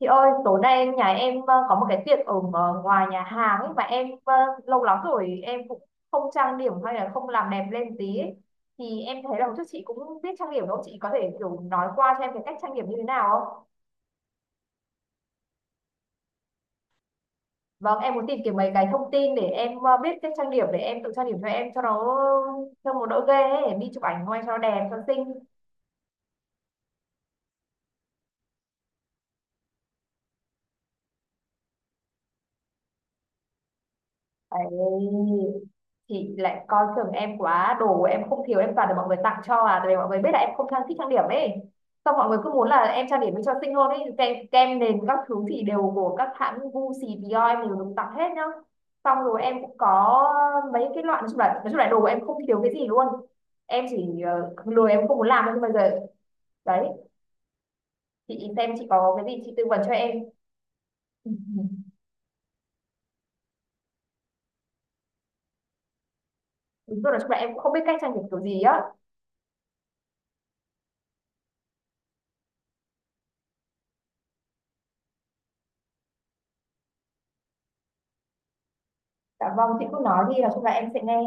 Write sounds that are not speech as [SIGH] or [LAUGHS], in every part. Chị ơi, tối nay nhà em có một cái tiệc ở ngoài nhà hàng ấy mà em lâu lắm rồi em cũng không trang điểm hay là không làm đẹp lên tí ấy. Thì em thấy là một chút chị cũng biết trang điểm đâu, chị có thể kiểu nói qua cho em cái cách trang điểm như thế nào không? Vâng, em muốn tìm kiếm mấy cái thông tin để em biết cách trang điểm để em tự trang điểm cho em cho nó đỡ ghê ấy, đi chụp ảnh ngoài cho nó đẹp cho nó xinh. Ấy thì lại coi thường em quá, đồ của em không thiếu, em toàn được mọi người tặng cho. À, tại vì mọi người biết là em không thích trang điểm ấy, xong mọi người cứ muốn là em trang điểm cho xinh hơn ấy. Kem nền các thứ thì đều của các hãng Gucci, Dior, em đều được tặng hết nhá. Xong rồi em cũng có mấy cái loại, nói chung là đồ của em không thiếu cái gì luôn. Em chỉ lười, em không muốn làm thôi nhưng bây giờ đấy, chị xem chị có cái gì chị tư vấn cho em. [LAUGHS] Đúng rồi, nói chung là em cũng không biết cách trang điểm kiểu gì á. Dạ vâng, chị cứ nói đi, nói chung là em sẽ nghe.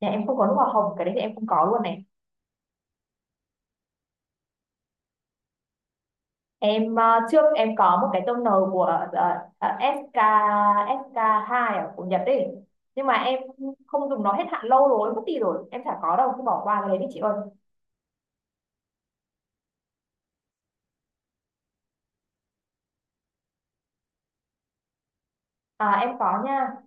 Dạ em không có nước hoa hồng, cái đấy thì em không có luôn này. Em trước em có một cái toner của SK sk hai ở của Nhật ấy. Nhưng mà em không dùng, nó hết hạn lâu rồi, mất đi rồi. Em chả có đâu, cứ bỏ qua cái đấy đi chị ơi. À em có nha.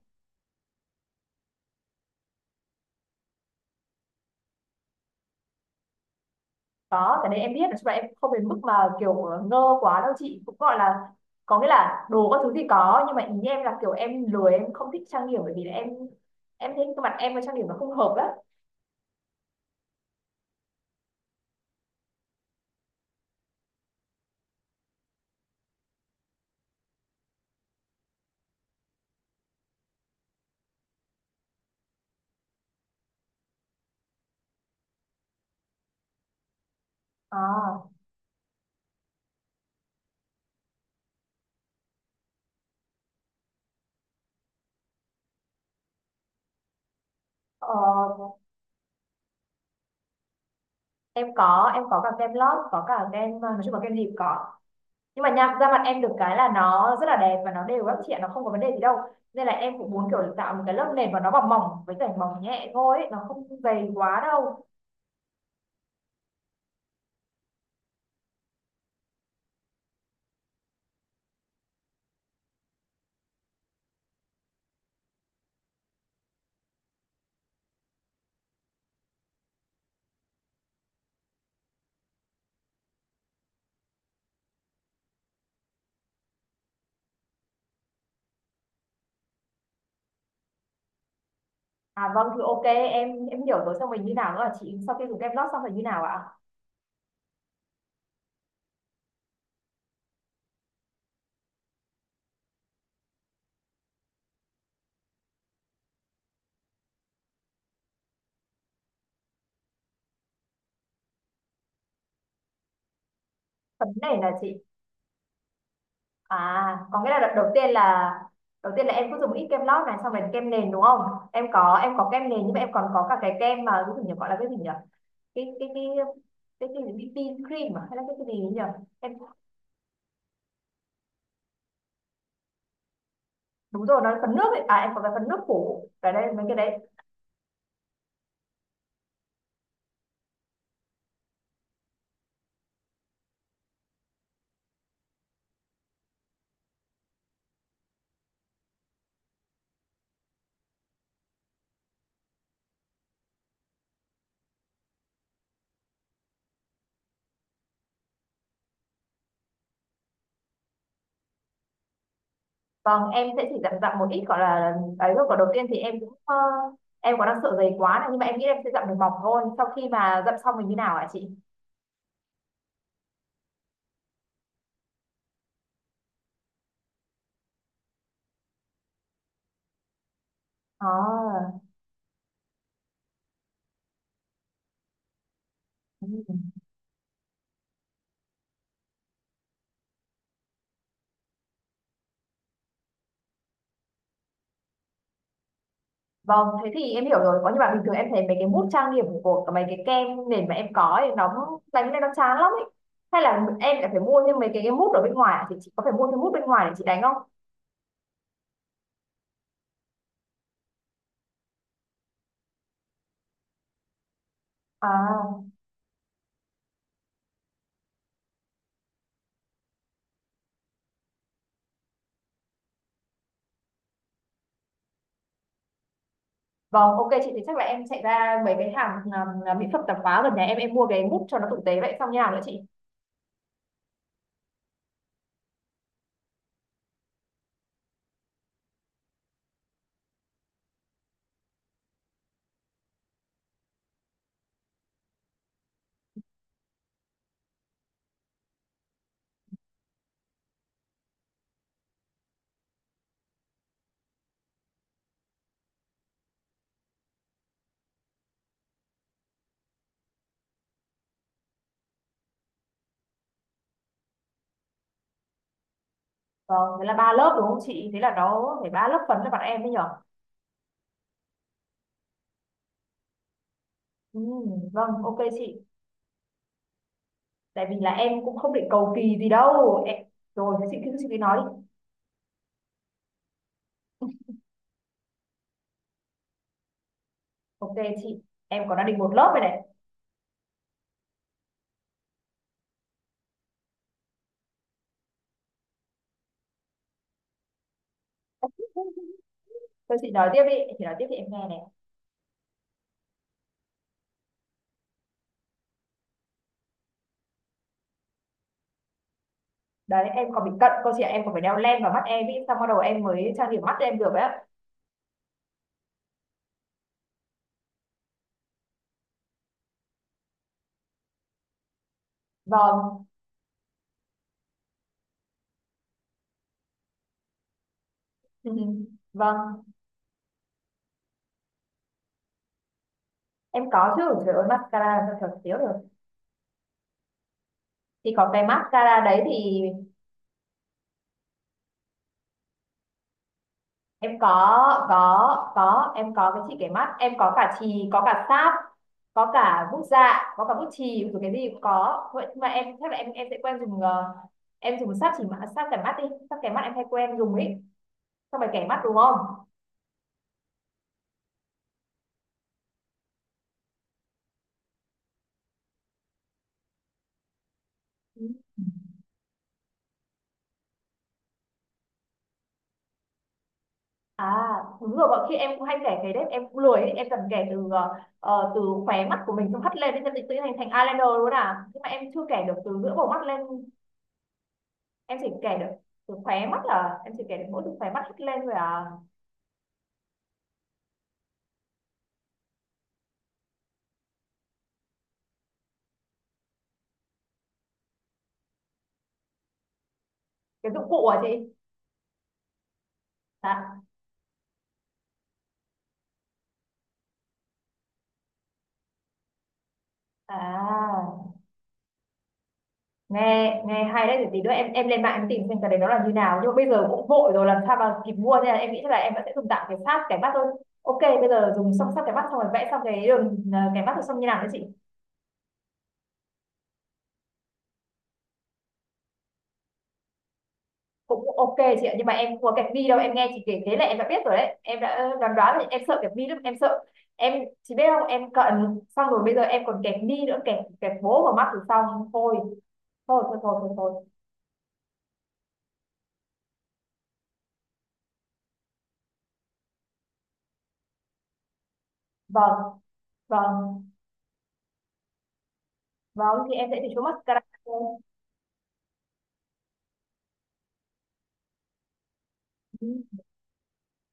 Có, cái đấy em biết, nói chung là em không đến mức mà kiểu ngơ quá đâu chị, cũng gọi là có nghĩa là đồ các thứ thì có, nhưng mà ý em là kiểu em lười, em không thích trang điểm bởi vì là em thấy cái mặt em với trang điểm nó không hợp lắm. À, ờ, em có cả kem lót, có cả kem, nói chung là kem gì cũng có. Nhưng mà nha, da mặt em được cái là nó rất là đẹp và nó đều các chị ạ, nó không có vấn đề gì đâu, nên là em cũng muốn kiểu tạo một cái lớp nền mà nó bằng mỏng với cả mỏng nhẹ thôi ấy, nó không dày quá đâu. À vâng thì ok, em hiểu rồi, xong mình như nào nữa hả chị? Sau khi dùng kem lót xong rồi như nào ạ? Phấn nền là chị? À, có nghĩa là đợt đầu tiên là em cứ dùng ít kem lót này xong rồi kem nền, đúng không? Em có kem nền nhưng mà em còn có cả cái kem mà cái gì nhỉ, gọi là cái gì nhỉ, cái cái cái cái gì BB cream à? Hay là cái gì nhỉ em? Đúng rồi, nó là phấn nước ấy à, em có cái phần nước phủ ở đây mấy cái đấy. Vâng, em sẽ chỉ dặm dặm một ít gọi là ấy thôi, còn đầu tiên thì em cũng em có đang sợ dày quá này nhưng mà em nghĩ em sẽ dặm được mỏng thôi. Sau khi mà dặm xong mình như nào ạ chị? À, ừ. Vâng thế thì em hiểu rồi có, nhưng mà bình thường em thấy mấy cái mousse trang điểm của cả mấy cái kem nền mà em có ấy nó đánh lên nó chán lắm ấy. Hay là em lại phải mua thêm mấy cái mousse ở bên ngoài hả Chị có phải mua thêm mousse bên ngoài để chị đánh không? À vâng, ok chị, thì chắc là em chạy ra mấy cái hàng mỹ phẩm tạp hóa gần nhà, em mua cái mút cho nó tử tế. Vậy xong như nào nữa chị? Vâng, thế là ba lớp đúng không chị? Thế là nó phải ba lớp phấn cho bọn em đấy nhở? Ừ, vâng, ok chị. Tại vì là em cũng không định cầu kỳ gì đâu. Em. Rồi, thế chị cứ nói đi. Ok chị, em còn đang định một lớp rồi này. Thôi chị nói tiếp đi, chị nói tiếp thì em nghe này. Đấy, em còn bị cận cô chị ạ, em còn phải đeo len vào mắt em ý, xong bắt đầu em mới trang điểm mắt em được ấy ạ. Vâng, [LAUGHS] vâng, em có chứ, trời ơi mascara sao thật thiếu được. Thì có cái mascara đấy thì em có, có em có cái chỉ cái mắt, em có cả chì, có cả sáp, có cả bút dạ, có cả bút chì rồi, cái gì cũng có. Vậy nhưng mà em chắc là em sẽ quen dùng, em dùng sáp kẻ mắt đi, sáp kẻ mắt em hay quen dùng ấy, xong rồi kẻ mắt đúng không? Ừ. À đúng rồi, bọn khi em cũng hay kẻ cái đấy, em cũng lười ấy. Em cần kẻ từ từ khóe mắt của mình xong hắt lên đến chân tự nhiên thành thành eyeliner luôn à. Nhưng mà em chưa kẻ được từ giữa bầu mắt lên, em chỉ kể được từ khóe mắt, là em chỉ kể được mỗi từ khóe mắt hất lên thôi à. Cái dụng cụ à chị? Dạ. À, nghe nghe hay đấy, thì tí nữa em lên mạng em tìm xem cái đấy nó là như nào. Nhưng mà bây giờ cũng vội rồi làm sao mà kịp mua nên là em nghĩ là em vẫn sẽ dùng tạm cái sát cái mắt thôi. Ok bây giờ dùng xong sát cái mắt xong rồi vẽ xong cái đường cái mắt rồi, xong như nào đấy chị nhỉ? Cũng ok chị ạ, nhưng mà em không có kẹp bi đâu, em nghe chị kể thế là em đã biết rồi đấy, em đã đoán đoán rồi, em sợ kẹp bi lắm, em sợ em chị biết không, em cận xong rồi bây giờ em còn kẹp bi nữa, kẹp kẹp bố vào mắt rồi xong thôi, thôi, thôi, thôi, thôi, thôi, Vâng, vâng, vâng, thì em sẽ chỉ xuống mascara thôi. Ừ.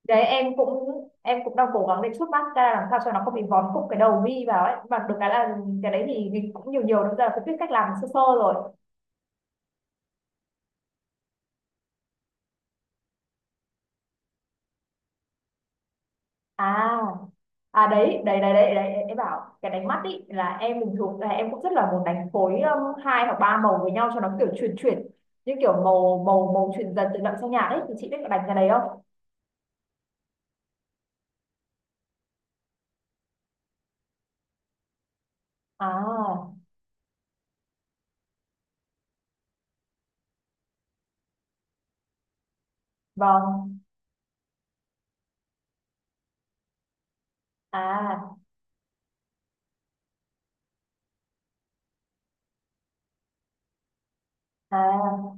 Đấy em cũng đang cố gắng để chút mascara làm sao cho nó không bị vón cục cái đầu mi vào ấy, mà được cái là cái đấy thì mình cũng nhiều nhiều nữa, giờ phải biết cách làm sơ sơ rồi. À à đấy đấy đấy đấy đấy em bảo cái đánh mắt ý là em bình thường là em cũng rất là muốn đánh phối hai hoặc ba màu với nhau cho nó kiểu chuyển chuyển, như kiểu màu màu màu chuyển dần từ đậm sang nhạt ấy, thì chị biết có đánh cái đấy không? À vâng. À à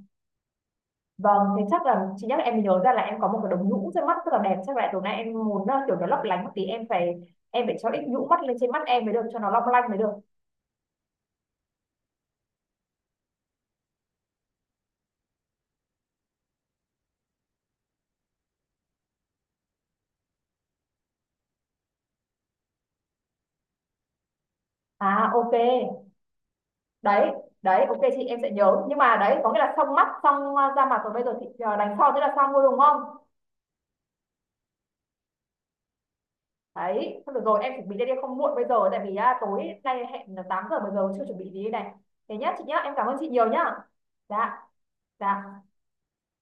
vâng, thế chắc là chị nhắc em mới nhớ ra là em có một cái đống nhũ trên mắt rất là đẹp. Chắc là tối nay em muốn kiểu nó lấp lánh một tí, em phải cho ít nhũ mắt lên trên mắt em mới được cho nó long lanh mới được. À ok, đấy đấy ok chị, em sẽ nhớ. Nhưng mà đấy có nghĩa là xong mắt, xong da mặt rồi bây giờ chị đánh son thế là xong luôn, đúng không? Đấy thôi được rồi, em chuẩn bị đây đi không muộn bây giờ, tại vì tối nay hẹn là 8 giờ, bây giờ chưa chuẩn bị gì đây này. Thế nhá chị nhá, em cảm ơn chị nhiều nhá. Dạ. Dạ.